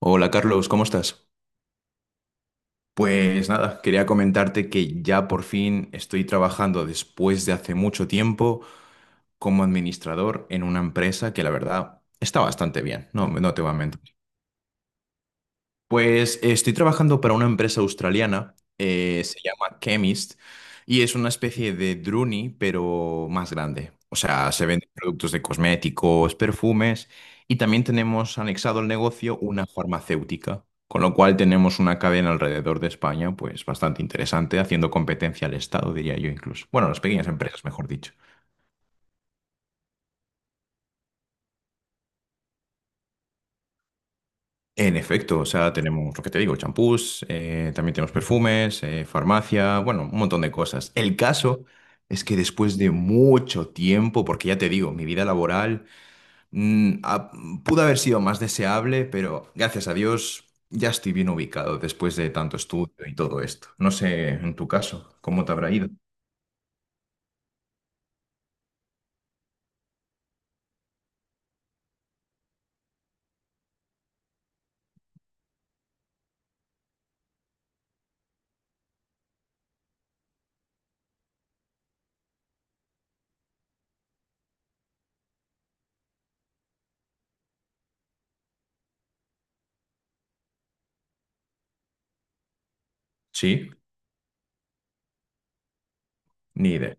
Hola Carlos, ¿cómo estás? Pues nada, quería comentarte que ya por fin estoy trabajando después de hace mucho tiempo como administrador en una empresa que la verdad está bastante bien, no, no te voy a mentir. Pues estoy trabajando para una empresa australiana, se llama Chemist, y es una especie de Druni, pero más grande. O sea, se venden productos de cosméticos, perfumes, y también tenemos anexado al negocio una farmacéutica, con lo cual tenemos una cadena alrededor de España, pues bastante interesante, haciendo competencia al Estado, diría yo incluso. Bueno, a las pequeñas empresas, mejor dicho. En efecto, o sea, tenemos lo que te digo, champús, también tenemos perfumes, farmacia, bueno, un montón de cosas. El caso es que después de mucho tiempo, porque ya te digo, mi vida laboral mm, ha- pudo haber sido más deseable, pero gracias a Dios ya estoy bien ubicado después de tanto estudio y todo esto. No sé, en tu caso, ¿cómo te habrá ido? Sí, ni idea.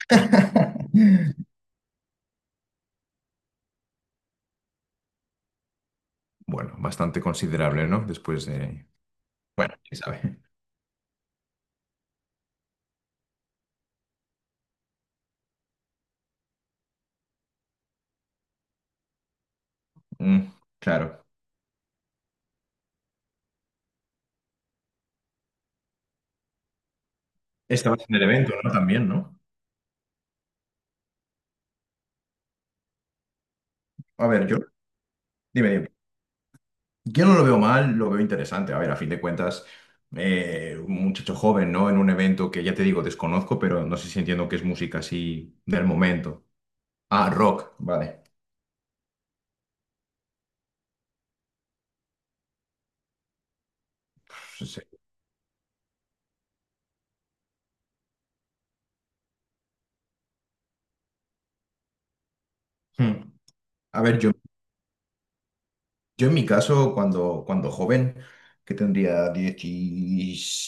Bueno, bastante considerable, ¿no? Después de... Bueno, quién sabe. Mm, claro. Este va a ser el evento, ¿no? También, ¿no? A ver, yo, dime, dime. Yo no lo veo mal, lo veo interesante. A ver, a fin de cuentas, un muchacho joven, ¿no? En un evento que ya te digo, desconozco, pero no sé si entiendo que es música así del momento. Ah, rock, vale. Pues, sí. Hmm. A ver, yo en mi caso, cuando joven, que tendría 10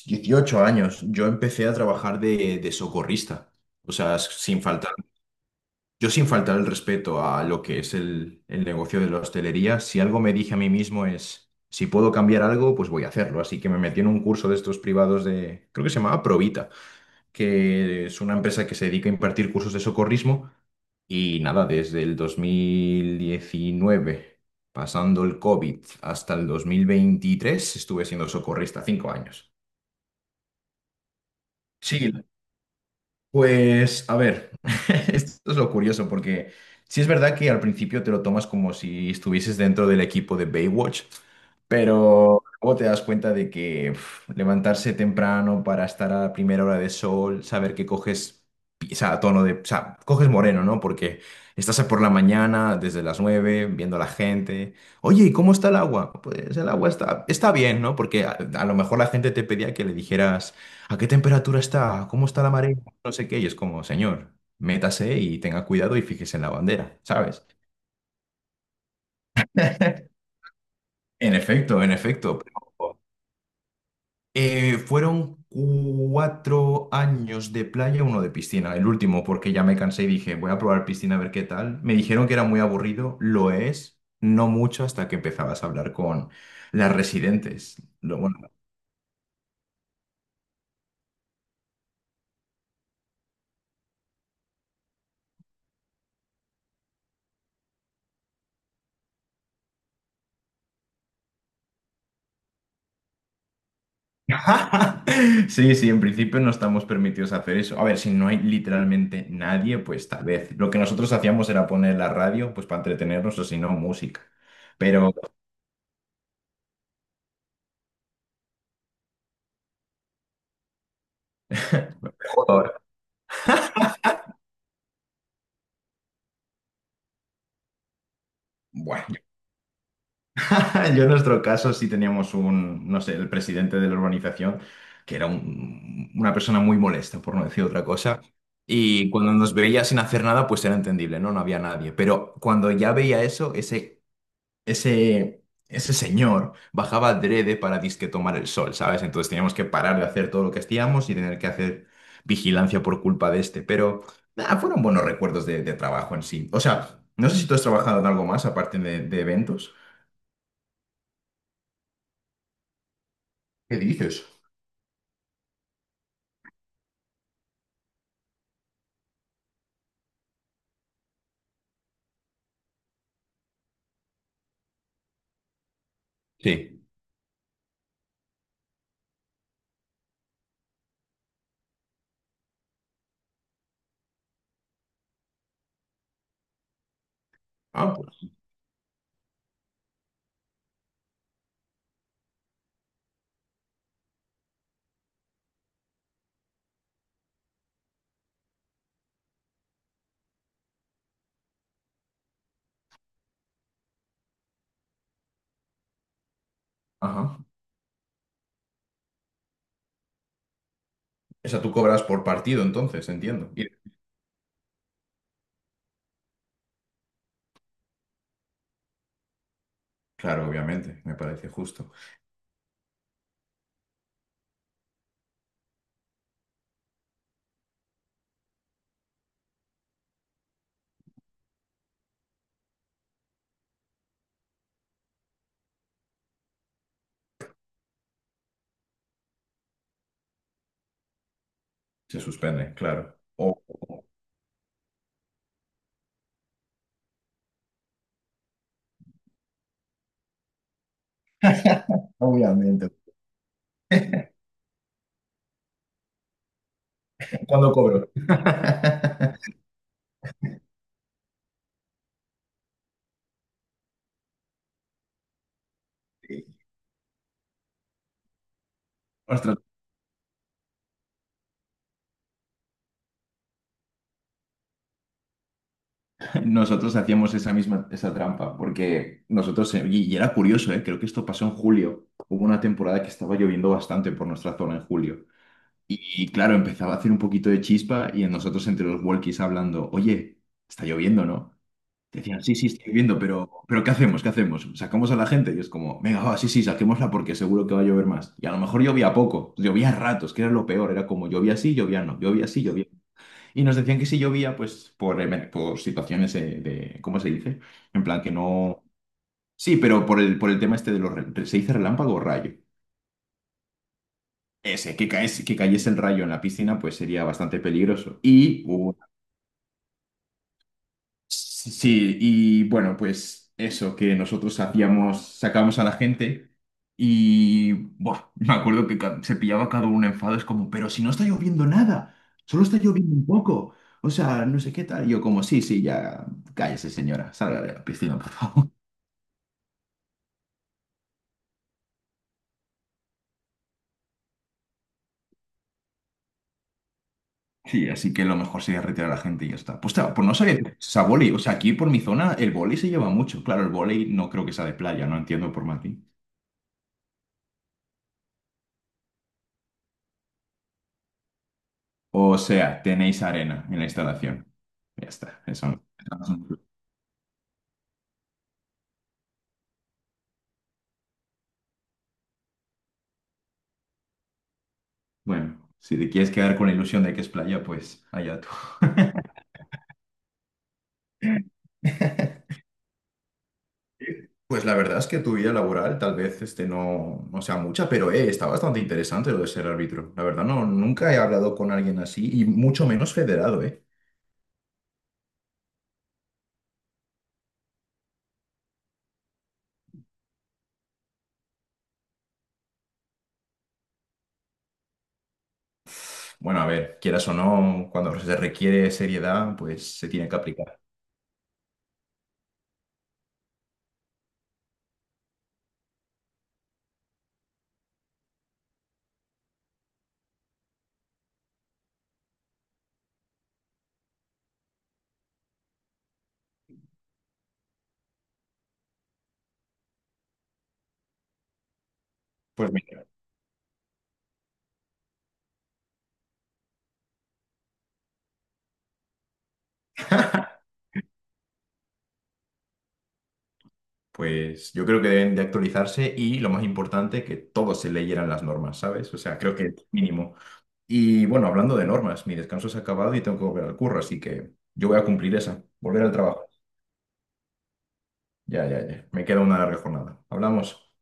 18 años, yo empecé a trabajar de socorrista. O sea, sin faltar Yo sin faltar el respeto a lo que es el negocio de la hostelería, si algo me dije a mí mismo es, si puedo cambiar algo, pues voy a hacerlo. Así que me metí en un curso de estos privados de, creo que se llamaba Provita, que es una empresa que se dedica a impartir cursos de socorrismo. Y nada, desde el 2019, pasando el COVID hasta el 2023, estuve siendo socorrista 5 años. Sí, pues, a ver, esto es lo curioso, porque sí es verdad que al principio te lo tomas como si estuvieses dentro del equipo de Baywatch, pero luego te das cuenta de que uf, levantarse temprano para estar a la primera hora de sol, saber que coges, o sea, tono de, o sea, coges moreno, ¿no? Porque estás por la mañana, desde las 9, viendo a la gente. Oye, ¿y cómo está el agua? Pues el agua está bien, ¿no? Porque a lo mejor la gente te pedía que le dijeras... ¿A qué temperatura está? ¿Cómo está la marea? No sé qué, y es como, señor, métase y tenga cuidado y fíjese en la bandera, ¿sabes? En efecto, en efecto. Pero, fueron 4 años de playa, uno de piscina, el último, porque ya me cansé y dije, voy a probar piscina a ver qué tal. Me dijeron que era muy aburrido, lo es, no mucho hasta que empezabas a hablar con las residentes. Bueno, sí, sí, en principio no estamos permitidos hacer eso. A ver, si no hay literalmente nadie, pues tal vez. Lo que nosotros hacíamos era poner la radio, pues para entretenernos o si no, música. Pero, joder, bueno, yo en nuestro caso sí teníamos un, no sé, el presidente de la urbanización, que era una persona muy molesta, por no decir otra cosa. Y cuando nos veía sin hacer nada, pues era entendible, ¿no? No había nadie. Pero cuando ya veía eso, ese señor bajaba adrede para disque tomar el sol, ¿sabes? Entonces teníamos que parar de hacer todo lo que hacíamos y tener que hacer vigilancia por culpa de este, pero nah, fueron buenos recuerdos de trabajo en sí. O sea, no sé si tú has trabajado en algo más aparte de eventos. ¿Qué dices? Sí. Ah, pues, ajá. O sea, tú cobras por partido, entonces, entiendo. Y claro, obviamente, me parece justo. Se suspende, claro. O- Obviamente. ¿Cuándo cobro? Ostras, nosotros hacíamos esa misma esa trampa, porque nosotros, y era curioso, creo que esto pasó en julio, hubo una temporada que estaba lloviendo bastante por nuestra zona en julio, y claro, empezaba a hacer un poquito de chispa y en nosotros entre los walkies hablando, oye, está lloviendo, ¿no? Decían, sí, sí, está lloviendo, pero ¿qué hacemos? ¿Qué hacemos? ¿Sacamos a la gente? Y es como, venga, va, sí, sí, saquémosla porque seguro que va a llover más. Y a lo mejor llovía poco, llovía a ratos, que era lo peor, era como llovía así, llovía no, llovía así, llovía. Y nos decían que si llovía, pues por situaciones de, ¿cómo se dice? En plan que no... Sí, pero por el tema este de los... ¿Se dice relámpago o rayo? Ese, que cayese el rayo en la piscina, pues sería bastante peligroso. Y hubo... Sí, sí, y bueno, pues eso, que nosotros hacíamos, sacábamos a la gente y buah, me acuerdo que se pillaba cada uno enfado, es como, pero si no está lloviendo nada, solo está lloviendo un poco, o sea, no sé qué tal. Yo como, sí, sí, ya cállese señora, salga de la piscina, por favor. Sí, así que lo mejor sería retirar a la gente y ya está. Pues, claro, pues no sabía que se a vóley, o sea, aquí por mi zona el vóley se lleva mucho, claro, el vóley no creo que sea de playa, no entiendo por Martín. O sea, tenéis arena en la instalación. Ya está, eso no. Bueno, si te quieres quedar con la ilusión de que es playa, pues allá tú. Pues la verdad es que tu vida laboral tal vez este, no, no sea mucha, pero está bastante interesante lo de ser árbitro. La verdad, no, nunca he hablado con alguien así y mucho menos federado, ¿eh? Bueno, a ver, quieras o no, cuando se requiere seriedad, pues se tiene que aplicar. Pues mira. Pues yo creo que deben de actualizarse y lo más importante, que todos se leyeran las normas, ¿sabes? O sea, creo que es mínimo. Y bueno, hablando de normas, mi descanso se ha acabado y tengo que volver al curro, así que yo voy a cumplir esa, volver al trabajo. Ya, ya, ya. Me queda una larga jornada. Hablamos.